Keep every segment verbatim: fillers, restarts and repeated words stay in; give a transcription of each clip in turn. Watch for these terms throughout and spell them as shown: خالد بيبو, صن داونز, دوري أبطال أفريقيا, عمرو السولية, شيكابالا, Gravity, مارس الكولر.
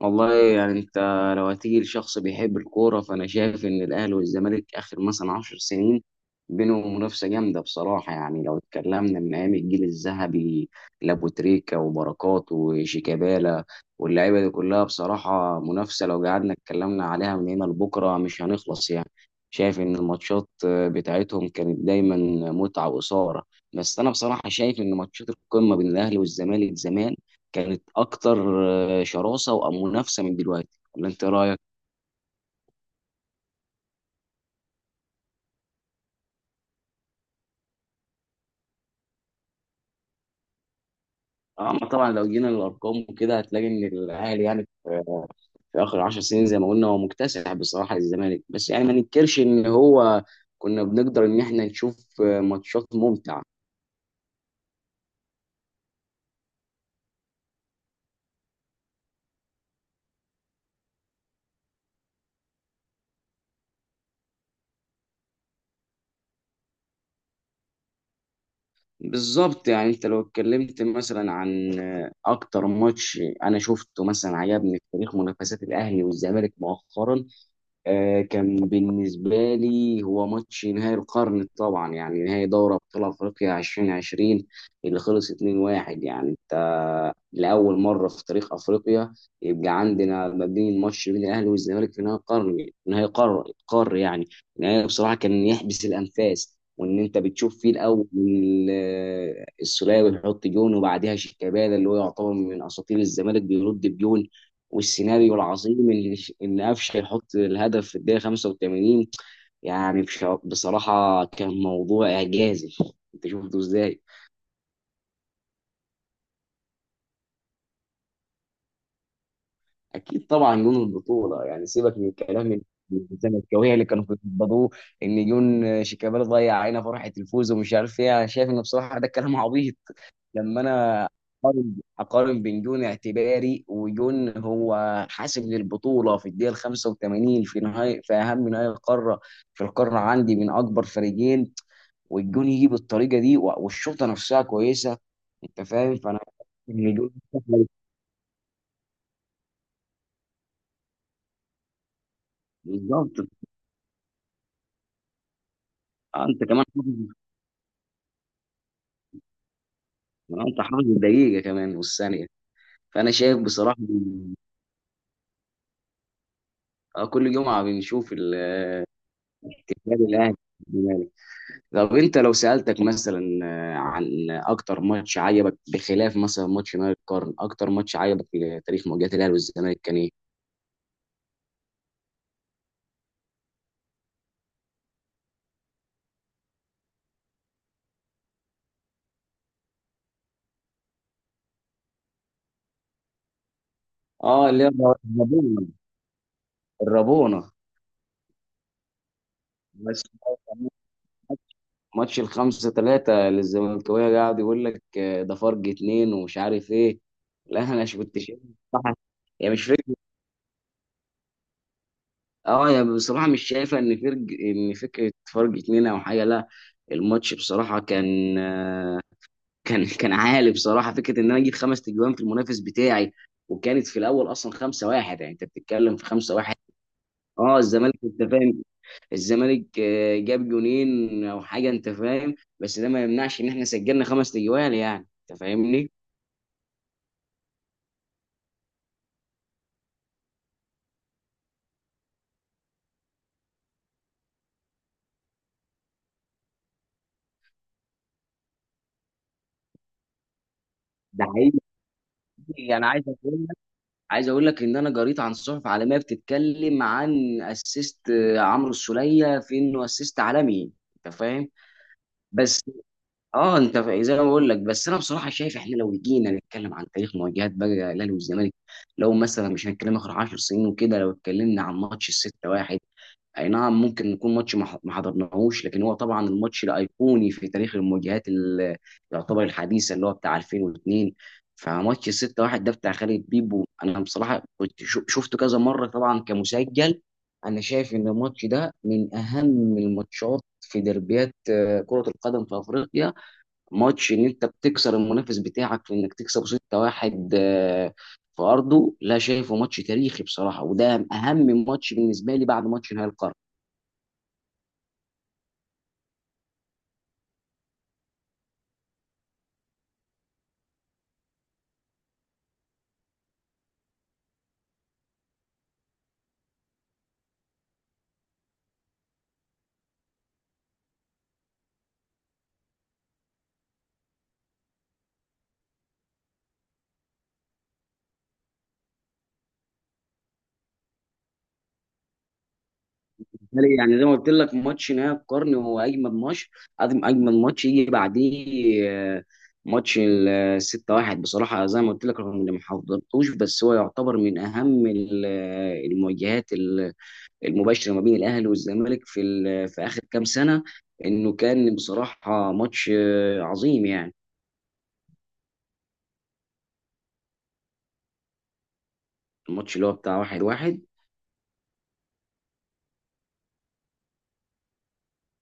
والله يعني انت لو هتيجي لشخص بيحب الكوره، فانا شايف ان الاهلي والزمالك اخر مثلا عشر سنين بينهم منافسه جامده بصراحه. يعني لو اتكلمنا من ايام الجيل الذهبي لابو تريكا وبركات وشيكابالا واللعيبه دي كلها، بصراحه منافسه لو قعدنا اتكلمنا عليها من هنا لبكره مش هنخلص يعني. شايف ان الماتشات بتاعتهم كانت دايما متعه واثاره. بس انا بصراحه شايف ان ماتشات القمه بين الاهلي والزمالك زمان كانت اكتر شراسه ومنافسه من دلوقتي. ولا انت إيه رايك؟ اما طبعا لو جينا للارقام وكده هتلاقي ان الاهلي يعني في في اخر عشر سنين زي ما قلنا هو مكتسح بصراحه الزمالك، بس يعني ما ننكرش ان هو كنا بنقدر ان احنا نشوف ماتشات ممتعه. بالظبط، يعني انت لو اتكلمت مثلا عن اكتر ماتش انا شفته مثلا عجبني في تاريخ منافسات الاهلي والزمالك مؤخرا، آه، كان بالنسبة لي هو ماتش نهائي القرن طبعا، يعني نهائي دوري أبطال أفريقيا ألفين وعشرين اللي خلص اتنين واحد. يعني أنت لأول مرة في تاريخ أفريقيا يبقى عندنا ما بين ماتش بين الأهلي والزمالك في نهائي قرن، نهائي قار قار يعني. نهائي بصراحة كان يحبس الأنفاس، وإن أنت بتشوف فيه الأول آه، السولية بيحط جون، وبعدها شيكابالا اللي هو يعتبر من أساطير الزمالك بيرد بجون، والسيناريو العظيم اللي ان قفشه يحط الهدف في الدقيقه خمسة وتمانين. يعني بش- بصراحه كان موضوع اعجازي. انت شفته ازاي؟ اكيد طبعا جون البطوله، يعني سيبك من الكلام الزملكاويه اللي كانوا بيتبضوه ان جون شيكابالا ضيع علينا فرحه الفوز ومش عارف ايه. انا شايف ان بصراحه ده كلام عبيط لما انا اقارن أقارن بين جون اعتباري وجون هو حاسم للبطوله في الدقيقه ال خمسة وثمانين، في نهايه في اهم نهائي القاره، في القاره عندي من اكبر فريقين، والجون يجي بالطريقه دي و- والشوطه نفسها كويسه. انت فاهم؟ فانا إن جون بالظبط. آه، انت كمان حافظ؟ آه، انت حافظ الدقيقه كمان والثانيه. فانا شايف بصراحه إن- آه، كل جمعه بنشوف ال- النادي الاهلي. طب انت لو سألتك مثلا، آه، عن اكتر ماتش عجبك بخلاف مثلا ماتش نهائي القرن، اكتر ماتش عجبك في تاريخ مواجهة الاهلي والزمالك كان ايه؟ اه اللي هي الرابونة، الرابونة. بس ماتش الخمسة ثلاثة للزملكاوية قاعد يقول لك، آه، ده فرق اتنين ومش عارف ايه. لا انا مش كنت شايف بصراحة- يعني مش فكرة. اه يعني بصراحة مش شايفة ان فرق، ان فكرة فرق اتنين او حاجة، لا. الماتش بصراحة كان، آه، كان كان عالي بصراحه. فكره ان انا اجيب خمس تجوان في المنافس بتاعي، وكانت في الاول اصلا خمسة واحد، يعني انت بتتكلم في خمسة واحد. اه الزمالك، انت فاهم، الزمالك آه، جاب جونين او حاجه، انت فاهم، بس ده ما يمنعش ان احنا سجلنا خمس تجوان. يعني انت فاهمني؟ ده حقيقي. يعني عايز اقول لك، عايز اقول لك ان انا قريت عن صحف عالميه بتتكلم عن اسيست آه، عمرو السوليه، في انه اسيست عالمي. انت فاهم؟ بس اه انت ف- زي ما بقول لك، بس انا بصراحه شايف احنا لو جينا نتكلم عن تاريخ مواجهات بقى الاهلي والزمالك، لو مثلا مش هنتكلم اخر عشر سنين وكده، لو اتكلمنا عن ماتش الستة واحد، اي نعم ممكن يكون ماتش ما ح- ما حضرناهوش، لكن هو طبعا الماتش الايقوني في تاريخ المواجهات اللي يعتبر الحديثه، اللي هو بتاع ألفين واثنين. فماتش الستة واحد ده بتاع خالد بيبو، انا بصراحه كنت شو- شفته كذا مره طبعا كمسجل. انا شايف ان الماتش ده من اهم الماتشات في دربيات، آه، كره القدم في افريقيا. ماتش ان انت بتكسر المنافس بتاعك في انك تكسب ستة واحد آه، في ارضه، لا شايفه ماتش تاريخي بصراحه، وده اهم ماتش بالنسبه لي بعد ماتش نهائي القرن. بالتالي يعني زي ما قلت لك ماتش نهائي القرن هو اجمد ماتش. أجم- اجمد ماتش يجي بعديه، آه، ماتش ال ستة واحد بصراحه. زي ما قلت لك رغم اني ما حضرتوش، بس هو يعتبر من اهم ال- آه، المواجهات المباشره ما بين الاهلي والزمالك في ال- في اخر كام سنه. انه كان بصراحه ماتش آه، عظيم يعني. الماتش اللي هو بتاع واحد واحد،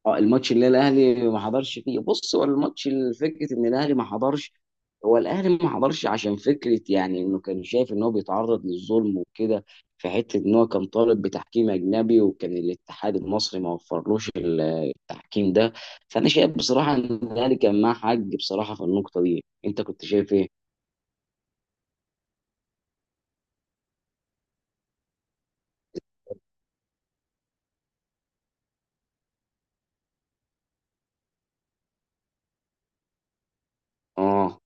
اه الماتش اللي الاهلي ما حضرش فيه. بص هو الماتش، الفكره ان الاهلي ما حضرش، هو الاهلي ما حضرش عشان فكره، يعني انه كان شايف ان هو بيتعرض للظلم وكده، في حته ان هو كان طالب بتحكيم اجنبي، وكان الاتحاد المصري ما وفرلوش ال- التحكيم ده. فانا شايف بصراحه ان الاهلي كان معاه حق بصراحه في النقطه دي. انت كنت شايف ايه؟ اه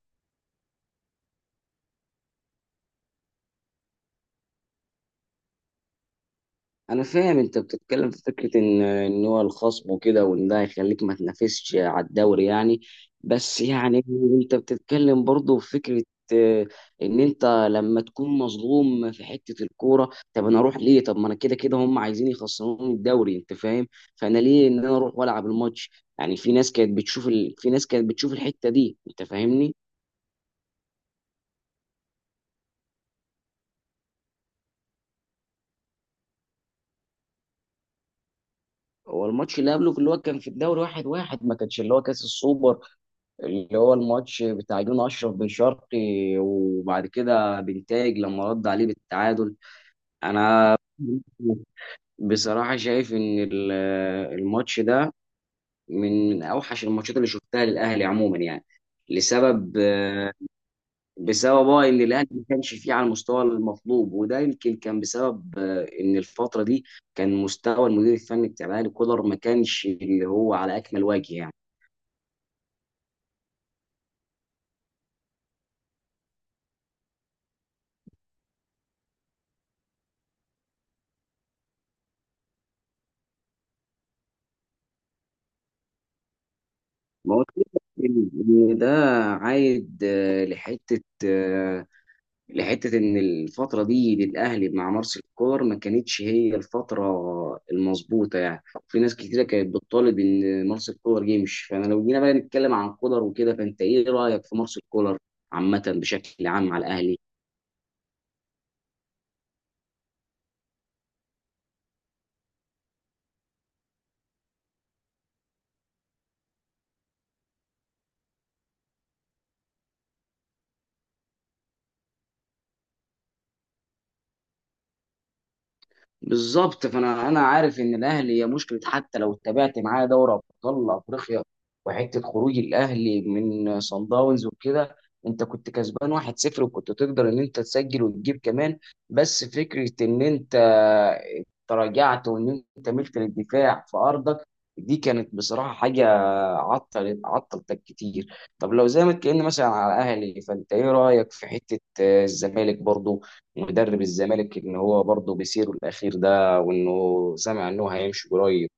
انا فاهم انت بتتكلم في فكره ان ان هو الخصم وكده، وان ده هيخليك ما تنافسش على الدوري يعني. بس يعني انت بتتكلم برضه في فكره، آه، ان انت لما تكون مظلوم في حته الكوره، طب انا اروح ليه؟ طب ما انا كده كده هم عايزين يخسروني الدوري، انت فاهم؟ فانا ليه ان انا اروح والعب الماتش؟ يعني في ناس كانت بتشوف ال... في ناس كانت بتشوف الحته دي، انت فاهمني؟ هو الماتش اللي قبله اللي هو كان في الدوري واحد واحد، ما كانش اللي هو كاس السوبر، اللي هو الماتش بتاع جون اشرف بن شرقي، وبعد كده بنتاج لما رد عليه بالتعادل. انا بصراحه شايف ان ال- الماتش ده من من اوحش الماتشات اللي شفتها للاهلي عموما يعني. لسبب، بسبب اه ان الاهلي ما كانش فيه على المستوى المطلوب، وده يمكن كان بسبب، آه، ان الفتره دي كان مستوى المدير الفني بتاع الاهلي كولر ما كانش اللي هو على اكمل وجه يعني. ما هو كده. إن إن ده عايد، آه، لحتة آه، لحتة إن الفترة دي للأهلي مع مارس الكور ما كانتش هي الفترة المظبوطة يعني. في ناس كتيرة كانت بتطالب إن مارس الكولر يمشي. فأنا لو جينا بقى نتكلم عن كولر وكده، فأنت إيه رأيك في مارس الكولر عامة بشكل عام على الأهلي؟ بالظبط، فانا انا عارف ان الاهلي هي مشكله، حتى لو اتبعت معاه دوري ابطال افريقيا وحته خروج الاهلي من صن داونز وكده. انت كنت كسبان واحد صفر، وكنت تقدر ان انت تسجل وتجيب كمان، بس فكره ان انت تراجعت وان انت ملت للدفاع في ارضك، دي كانت بصراحه حاجه عطلت عطلتك كتير. طب لو زي ما اتكلمنا مثلا على الاهلي، فانت ايه رايك في حته آه، الزمالك برضو، مدرب الزمالك ان هو برضه بيسيره الاخير ده، وانه سمع انه هيمشي قريب؟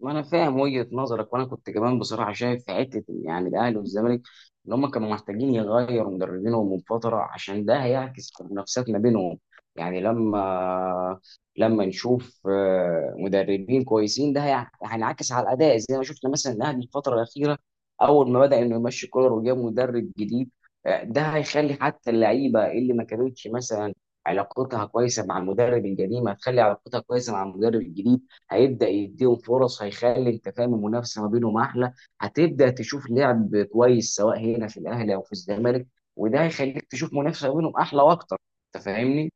ما انا فاهم وجهة نظرك، وانا كنت كمان بصراحه شايف في حته يعني الاهلي والزمالك ان هم كانوا محتاجين يغيروا مدربينهم من فتره، عشان ده هيعكس في المنافسات ما بينهم. يعني لما لما نشوف آه، مدربين كويسين، ده هيع- هينعكس على الاداء. زي ما شفنا مثلا الاهلي الفتره الاخيره، اول ما بدا انه يمشي كولر وجاب مدرب جديد، آه، ده هيخلي حتى اللعيبه اللي ما كانتش مثلا علاقتها كويسه مع المدرب القديم هتخلي علاقتها كويسه مع المدرب الجديد، هيبدا يديهم فرص، هيخلي انت فاهم المنافسه ما بينهم احلى، هتبدا تشوف لعب كويس سواء هنا في الاهلي او في الزمالك، وده هيخليك تشوف منافسه ما بينهم احلى واكتر. انت فاهمني؟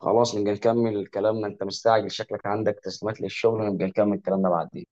خلاص نبقى نكمل كلامنا، انت مستعجل شكلك عندك تسليمات للشغل، نبقى نكمل كلامنا بعدين.